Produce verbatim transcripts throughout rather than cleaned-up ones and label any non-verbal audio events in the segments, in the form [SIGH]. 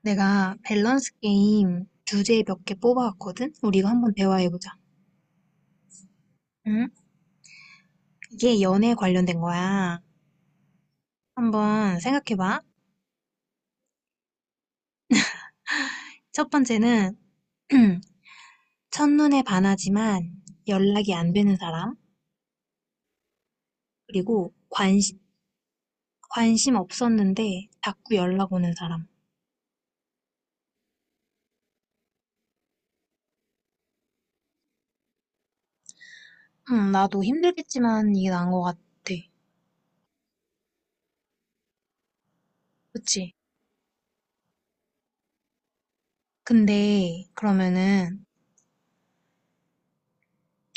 내가 밸런스 게임 주제 몇 개 뽑아왔거든? 우리 이거 한번 대화해보자. 응? 이게 연애에 관련된 거야. 한번 생각해봐. 첫 번째는, [CLEARS THROAT] 첫눈에 반하지만 연락이 안 되는 사람. 그리고 관심, 관심 없었는데 자꾸 연락 오는 사람. 응, 나도 힘들겠지만 이게 나은 것 같아. 그치? 근데, 그러면은,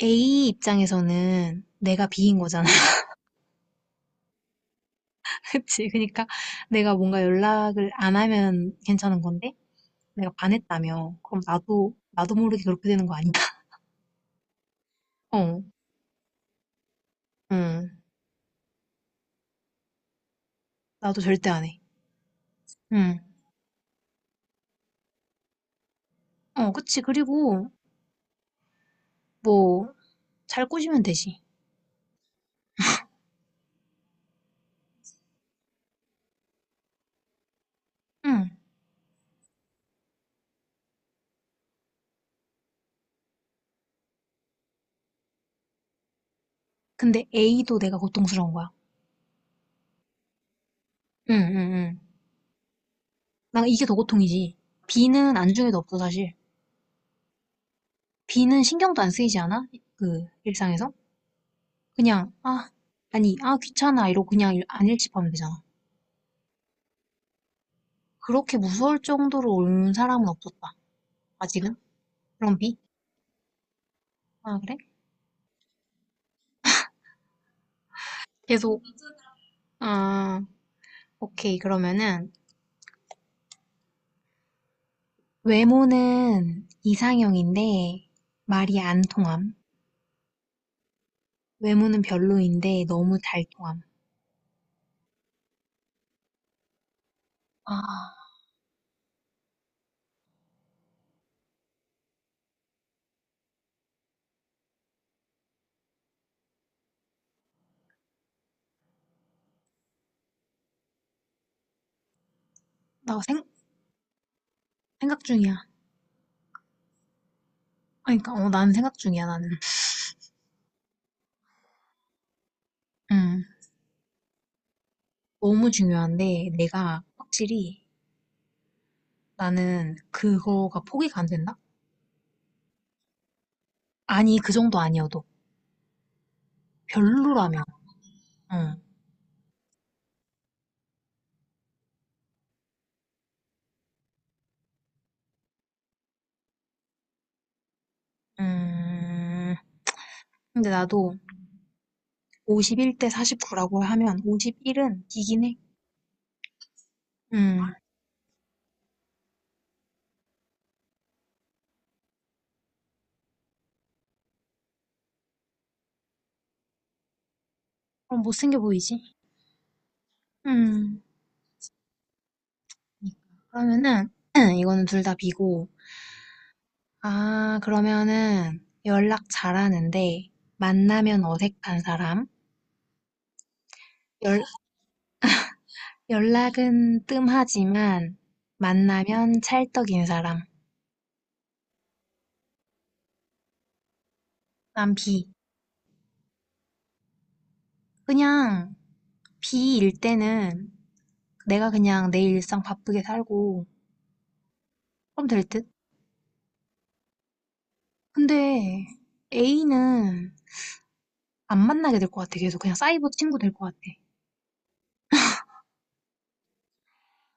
A 입장에서는 내가 B인 거잖아. 그치. 그러니까 내가 뭔가 연락을 안 하면 괜찮은 건데 내가 반했다며. 그럼 나도 나도 모르게 그렇게 되는 거 아닌가? [LAUGHS] 어, 응. 나도 절대 안 해. 응. 어, 그치. 그리고 뭐 잘 꼬시면 되지. 응. 근데 A도 내가 고통스러운 거야. 응, 응, 응. 나 이게 더 고통이지. B는 안중에도 없어 사실. B는 신경도 안 쓰이지 않아? 그 일상에서? 그냥 아 아니 아 귀찮아 이러고 그냥 일- 안 일집하면 되잖아. 그렇게 무서울 정도로 온 사람은 없었다. 아, 지금? 그럼 B? 아, 그래? 계속. 아, 오케이. 그러면은, 외모는 이상형인데, 말이 안 통함. 외모는 별로인데, 너무 잘 통함. 아, 나 생, 생각 중이야. 아니, 그러니까, 어, 난 생각 중이야, 나는. 음, 너무 중요한데, 내가 확실히, 나는 그거가 포기가 안 된다? 아니, 그 정도 아니어도. 별로라면. 응. 음, 근데 나도 오십일 대 사십구라고 하면 오십일은 이긴 해. 음, 그럼 못생겨 보이지? 음, 그러니까. 그러면은, [CLEARS THROAT] 이거는 둘 다 비고. 아, 그러면은, 연락 잘하는데, 만나면 어색한 사람? 연, 연락은 뜸하지만, 만나면 찰떡인 사람? 난 비. 그냥, 비일 때는, 내가 그냥 내 일상 바쁘게 살고, 그럼 될 듯? 근데, A는 안 만나게 될 것 같아. 계속 그냥 사이버 친구 될 것 같아.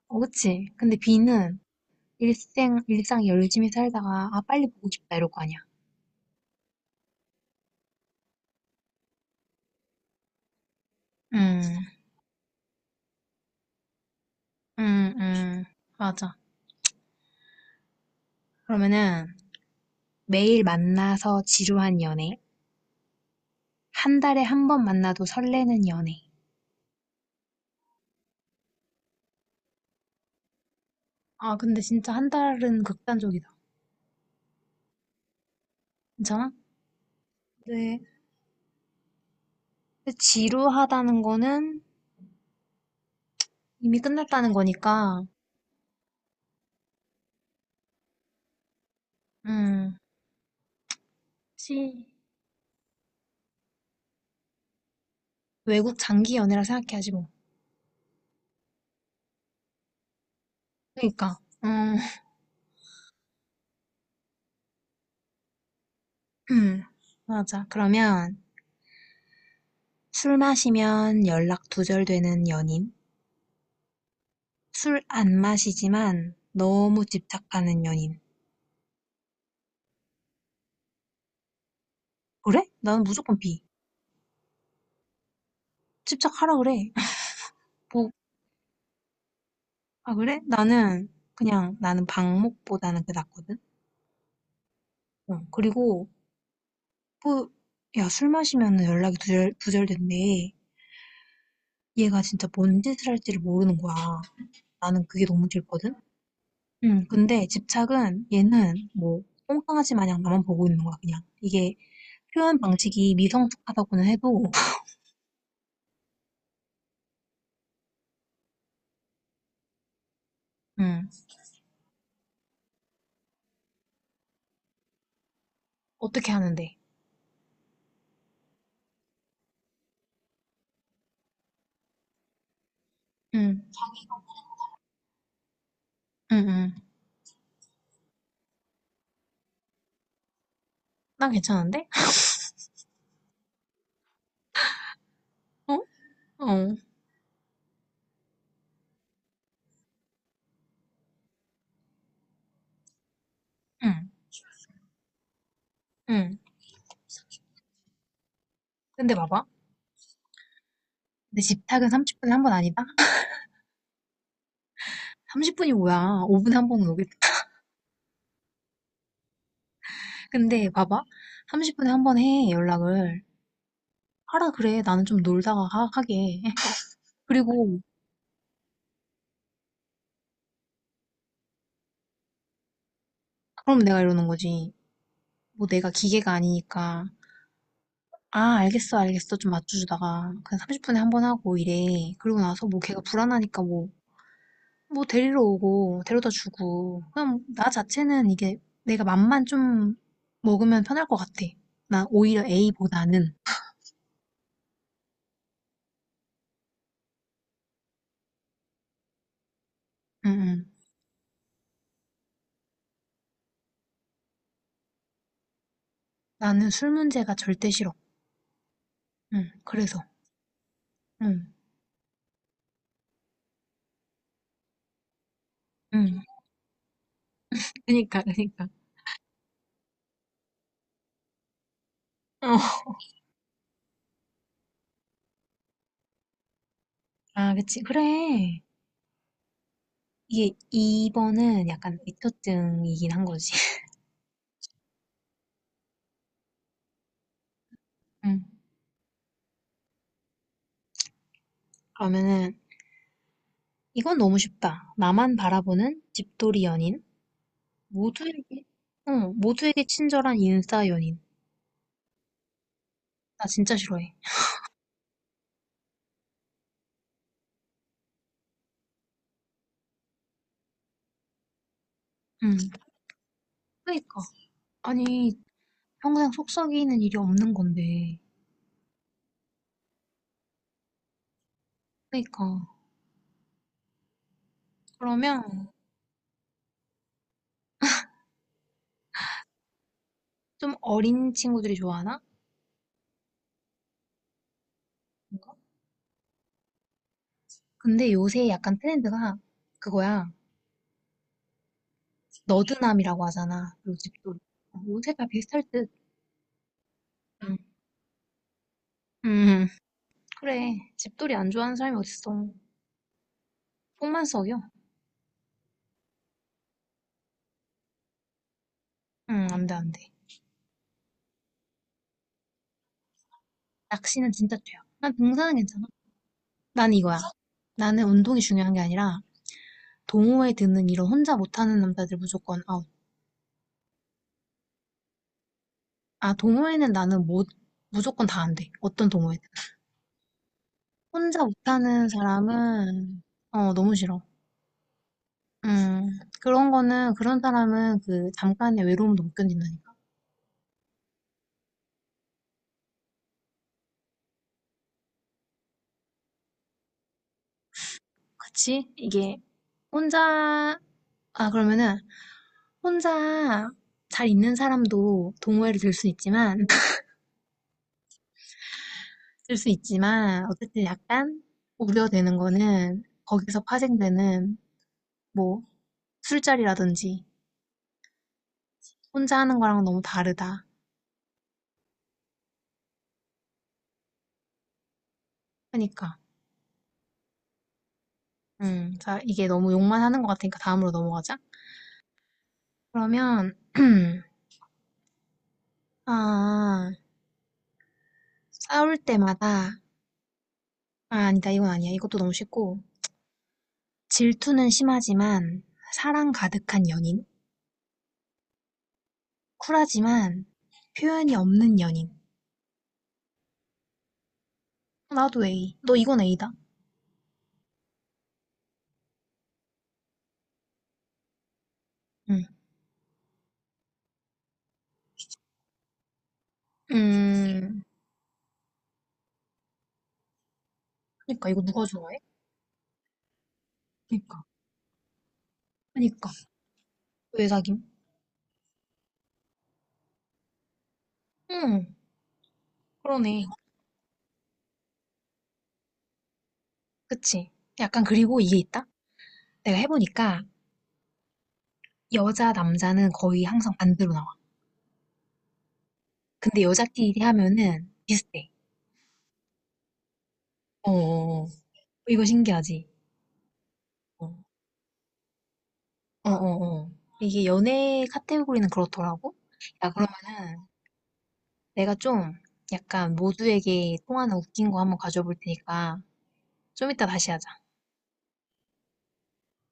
어, 그치? 근데 B는, 일생 일상 열심히 살다가 아 빨리 보고 싶다 이럴 거 아니야. 음, 음, 음, 맞아. 그러면은 매일 만나서 지루한 연애, 한 달에 한 번 만나도 설레는 연애. 아 근데 진짜 한 달은 극단적이다. 괜찮아? 네. 근데 지루하다는 거는 이미 끝났다는 거니까, 음, 시 외국 장기 연애라 생각해야지 뭐. 그러니까, 음, [LAUGHS] 음, 맞아. 그러면 술 마시면 연락 두절되는 연인. 술 안 마시지만 너무 집착하는 연인. 그래? 나는 무조건 B. 집착하라 그래. [LAUGHS] 뭐, 아, 그래? 나는 그냥 나는 방목보다는 그게 낫거든? 어, 그리고 뭐, 야, 술 마시면 연락이 두절, 두절된대. 얘가 진짜 뭔 짓을 할지를 모르는 거야. 나는 그게 너무 싫거든? 응, 근데 집착은 얘는 뭐, 똥강아지 마냥 나만 보고 있는 거야, 그냥. 이게 표현 방식이 미성숙하다고는 해도, [LAUGHS] 응, 어떻게 하는데? 응, 응, 응. 난 괜찮은데? 어? 어. 응. 응. 근데 봐봐. 근데 집탁은 삼십 분에 한 번 아니다? 삼십 분이 뭐야. 오 분에 한 번은 오겠다. [LAUGHS] 근데 봐봐. 삼십 분에 한 번 해, 연락을. 하라 그래. 나는 좀 놀다가 하, 하게. [LAUGHS] 그리고 그럼 내가 이러는 거지. 뭐 내가 기계가 아니니까. 아, 알겠어, 알겠어. 좀 맞춰주다가. 그냥 삼십 분에 한 번 하고 이래. 그러고 나서 뭐 걔가 불안하니까 뭐 뭐 데리러 오고 데려다 주고 그냥 나 자체는 이게 내가 맘만 좀 먹으면 편할 것 같아. 나 오히려 A보다는 응 응, 나는 술 문제가 절대 싫어. 응, 그래서 응, 응. 그니까 그니까. 어. 아 그치 그래. 이게 이 번은 약간 미처증이긴 한 거지. [LAUGHS] 응. 그러면은 이건 너무 쉽다. 나만 바라보는 집돌이 연인 모두에게 어 모두에게 친절한 인싸 연인. 나 진짜 싫어해. 응. 그니까. 아니, 평생 속 썩이는 일이 없는 건데. 그니까. 그러면 좀 어린 친구들이 좋아하나? 뭔가? 근데 요새 약간 트렌드가 그거야. 너드남이라고 하잖아. 그리고 집돌이. 어, 요새 다 비슷할 듯. 응. 음, 그래. 집돌이 안 좋아하는 사람이 어딨어. 속만 썩여. 응, 안 돼, 안 돼. 낚시는 진짜 죄야. 난 등산은 괜찮아. 난 이거야. 나는 운동이 중요한 게 아니라 동호회 드는 이런 혼자 못하는 남자들 무조건 아웃. 아, 동호회는 나는 못, 무조건 다 안 돼. 어떤 동호회든. 혼자 못하는 사람은, 어, 너무 싫어. 음, 그런 거는, 그런 사람은 그 잠깐의 외로움도 못 견딘다니까. 그치? 이게, 혼자, 아, 그러면은, 혼자 잘 있는 사람도 동호회를 들 수 있지만, [LAUGHS] 들 수 있지만, 어쨌든 약간 우려되는 거는, 거기서 파생되는, 뭐, 술자리라든지, 혼자 하는 거랑 너무 다르다. 하니까. 음, 자, 이게 너무 욕만 하는 것 같으니까 다음으로 넘어가자. 그러면, [CLEARS THROAT] 아, 싸울 때마다, 아, 아니다, 이건 아니야. 이것도 너무 쉽고. 질투는 심하지만, 사랑 가득한 연인. 쿨하지만, 표현이 없는 연인. 나도 A. 너 이건 A다. 응. 음, 그니까, 이거 누가 좋아해? 그니까. 그니까. 왜 사김? 응, 그러네. 그치. 약간, 그리고 이게 있다? 내가 해보니까, 여자, 남자는 거의 항상 반대로 나와. 근데 여자끼리 하면은 비슷해. 어, 어. 이거 신기하지? 어, 어, 어. 어. 이게 연애 카테고리는 그렇더라고? 야, 그러면은 내가 좀 약간 모두에게 통하는 웃긴 거 한번 가져볼 테니까 좀 이따 다시 하자.